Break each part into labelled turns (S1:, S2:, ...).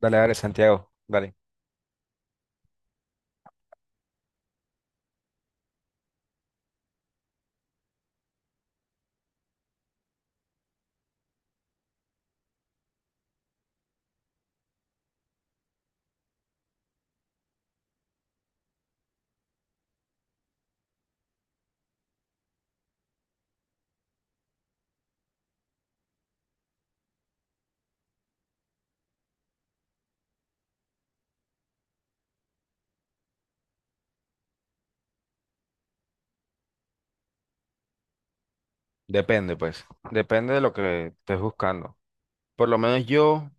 S1: Dale, dale, Santiago, dale. Depende, pues. Depende de lo que estés buscando. Por lo menos yo, o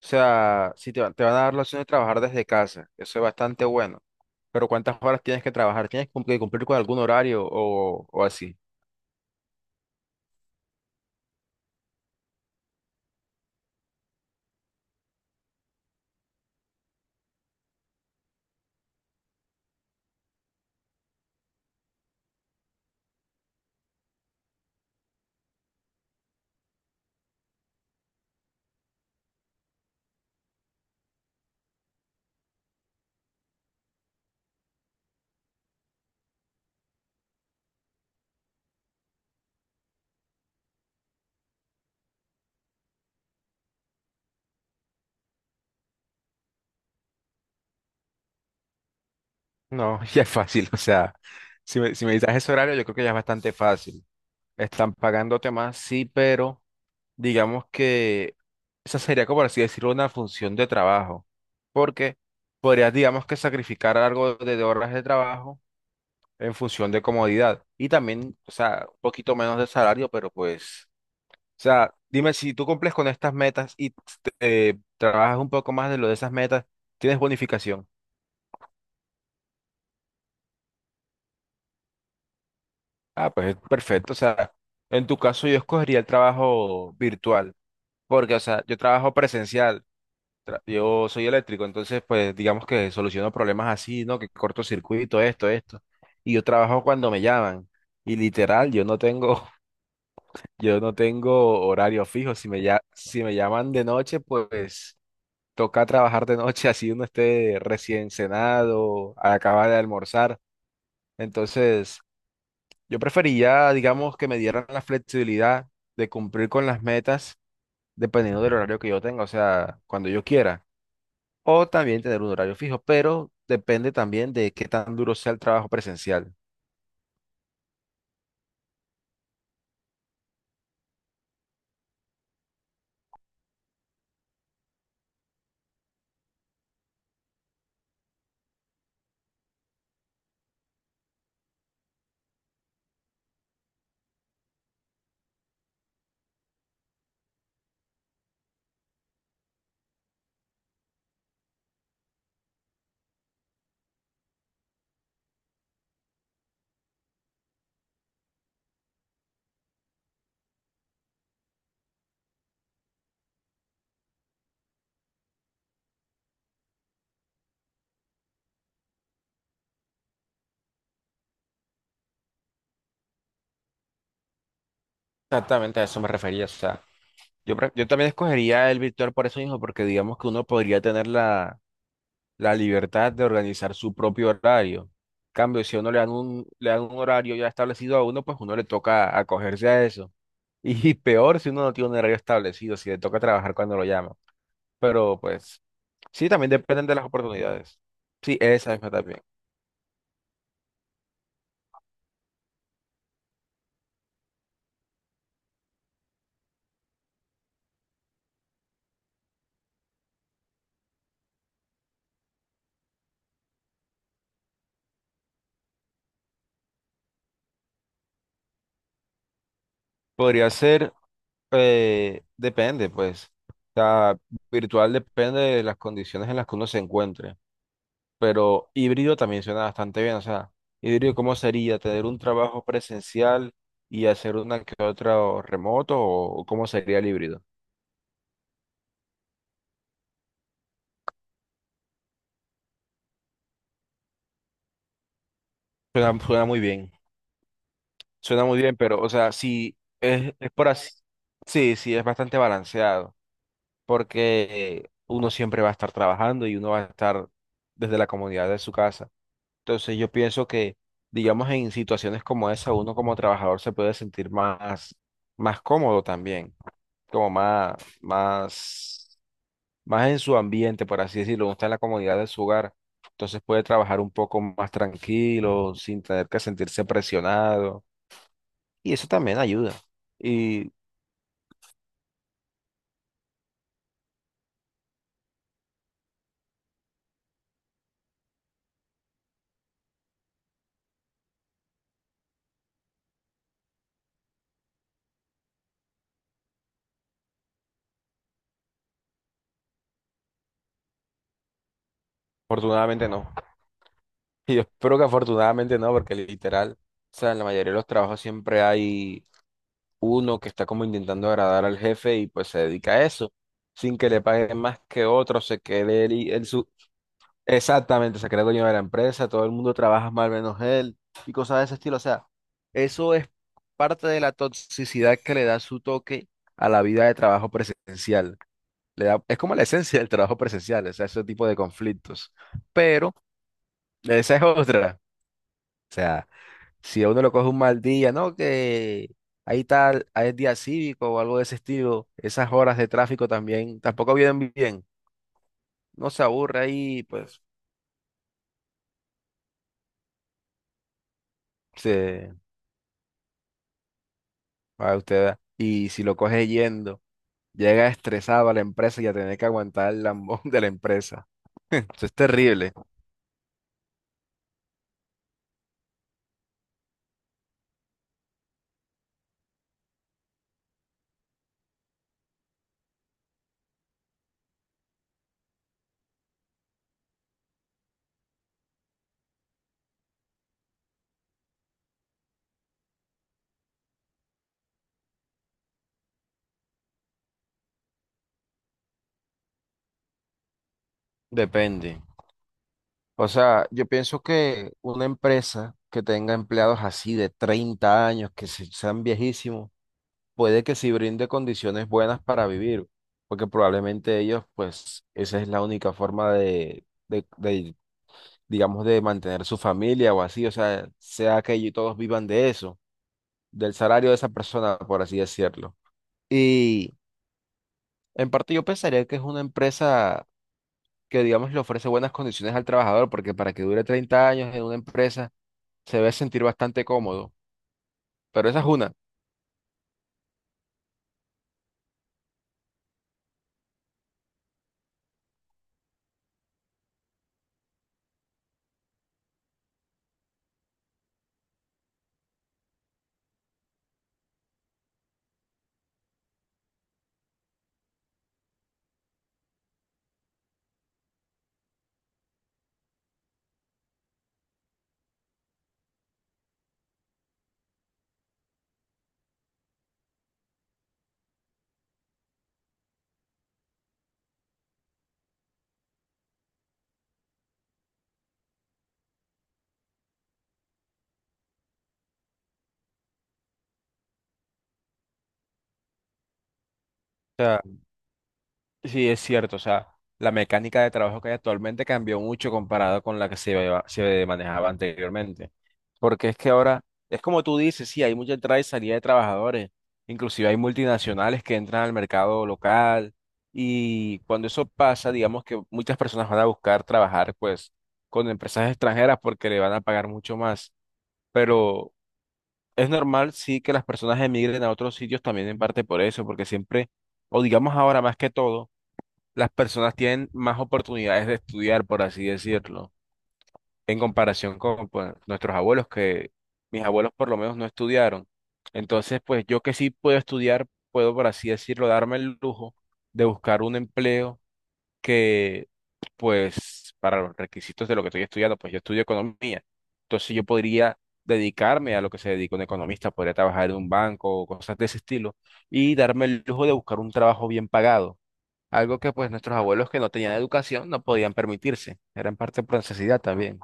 S1: sea, si te van a dar la opción de trabajar desde casa, eso es bastante bueno. Pero ¿cuántas horas tienes que trabajar? ¿Tienes que cumplir con algún horario o así? No, ya es fácil, o sea, si me dices ese horario, yo creo que ya es bastante fácil. Están pagándote más, sí, pero digamos que esa sería, como por así decirlo, una función de trabajo. Porque podrías, digamos que sacrificar algo de horas de trabajo en función de comodidad y también, o sea, un poquito menos de salario, pero pues, o sea, dime si tú cumples con estas metas y trabajas un poco más de lo de esas metas, tienes bonificación. Ah, pues perfecto, o sea, en tu caso yo escogería el trabajo virtual, porque, o sea, yo trabajo presencial, yo soy eléctrico, entonces, pues, digamos que soluciono problemas así, ¿no? Que cortocircuito, esto, y yo trabajo cuando me llaman. Y literal, yo no tengo. Yo no tengo horario fijo. Si me llaman de noche, pues toca trabajar de noche, así uno esté recién cenado, al acabar de almorzar. Entonces, yo prefería digamos, que me dieran la flexibilidad de cumplir con las metas dependiendo del horario que yo tenga, o sea, cuando yo quiera. O también tener un horario fijo, pero depende también de qué tan duro sea el trabajo presencial. Exactamente a eso me refería, o sea. Yo, yo también escogería el virtual por eso mismo, porque digamos que uno podría tener la libertad de organizar su propio horario. En cambio, si a uno le dan un horario ya establecido a uno, pues uno le toca acogerse a eso. Y peor si uno no tiene un horario establecido, si le toca trabajar cuando lo llaman. Pero pues sí, también dependen de las oportunidades. Sí, esa misma también. Podría ser, depende, pues. O sea, virtual depende de las condiciones en las que uno se encuentre, pero híbrido también suena bastante bien. O sea, híbrido, ¿cómo sería? ¿Tener un trabajo presencial y hacer una que otra o remoto? ¿O cómo sería el híbrido? Suena muy bien. Suena muy bien, pero, o sea, sí, es por así. Sí, sí, es bastante balanceado, porque uno siempre va a estar trabajando y uno va a estar desde la comunidad de su casa. Entonces, yo pienso que, digamos, en situaciones como esa, uno como trabajador se puede sentir más cómodo también. como más, más, más en su ambiente, por así decirlo, está en la comodidad de su hogar. Entonces puede trabajar un poco más tranquilo, sin tener que sentirse presionado. Y eso también ayuda. Y afortunadamente no. Y yo espero que afortunadamente no, porque literal, o sea, en la mayoría de los trabajos siempre hay uno que está como intentando agradar al jefe y pues se dedica a eso, sin que le paguen más que otro, se quede él. Exactamente, se crea dueño de la empresa, todo el mundo trabaja mal menos él y cosas de ese estilo. O sea, eso es parte de la toxicidad que le da su toque a la vida de trabajo presencial. Le da, es como la esencia del trabajo presencial, o sea, ese tipo de conflictos. Pero esa es otra. O sea, si a uno lo coge un mal día, ¿no? Que ahí es día cívico o algo de ese estilo, esas horas de tráfico también tampoco vienen bien. No se aburre ahí, pues se para usted. Y si lo coge yendo, llega estresado a la empresa y a tener que aguantar el lambón de la empresa. Eso es terrible. Depende. O sea, yo pienso que una empresa que tenga empleados así de 30 años, que sean viejísimos, puede que sí brinde condiciones buenas para vivir, porque probablemente ellos, pues, esa es la única forma digamos, de mantener su familia o así, o sea, sea que ellos todos vivan de eso, del salario de esa persona, por así decirlo. Y en parte yo pensaría que es una empresa que, digamos, le ofrece buenas condiciones al trabajador, porque para que dure 30 años en una empresa se debe sentir bastante cómodo. Pero esa es una. Sí, es cierto, o sea, la mecánica de trabajo que hay actualmente cambió mucho comparado con la que se manejaba anteriormente. Porque es que ahora, es como tú dices, sí, hay mucha entrada y salida de trabajadores, inclusive hay multinacionales que entran al mercado local y cuando eso pasa, digamos que muchas personas van a buscar trabajar pues con empresas extranjeras porque le van a pagar mucho más. Pero es normal, sí, que las personas emigren a otros sitios también en parte por eso, porque siempre, o digamos ahora más que todo, las personas tienen más oportunidades de estudiar, por así decirlo, en comparación con pues, nuestros abuelos, que mis abuelos por lo menos no estudiaron. Entonces, pues yo que sí puedo estudiar, puedo, por así decirlo, darme el lujo de buscar un empleo que, pues, para los requisitos de lo que estoy estudiando, pues yo estudio economía. Entonces yo podría dedicarme a lo que se dedica un economista, podría trabajar en un banco o cosas de ese estilo y darme el lujo de buscar un trabajo bien pagado, algo que pues nuestros abuelos que no tenían educación no podían permitirse. Era en parte por necesidad también.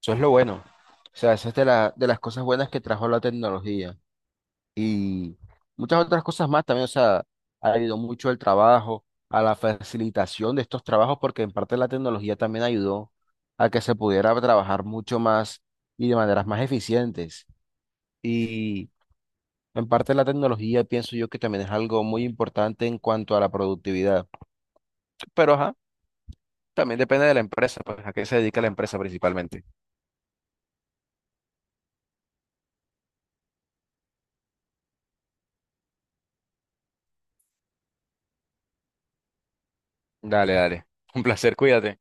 S1: Eso es lo bueno. O sea, eso es de las cosas buenas que trajo la tecnología. Y muchas otras cosas más también. O sea, ha ayudado mucho el trabajo, a la facilitación de estos trabajos, porque en parte la tecnología también ayudó a que se pudiera trabajar mucho más y de maneras más eficientes. Y en parte la tecnología pienso yo que también es algo muy importante en cuanto a la productividad. Pero ajá. También depende de la empresa, pues a qué se dedica la empresa principalmente. Dale, dale. Un placer, cuídate.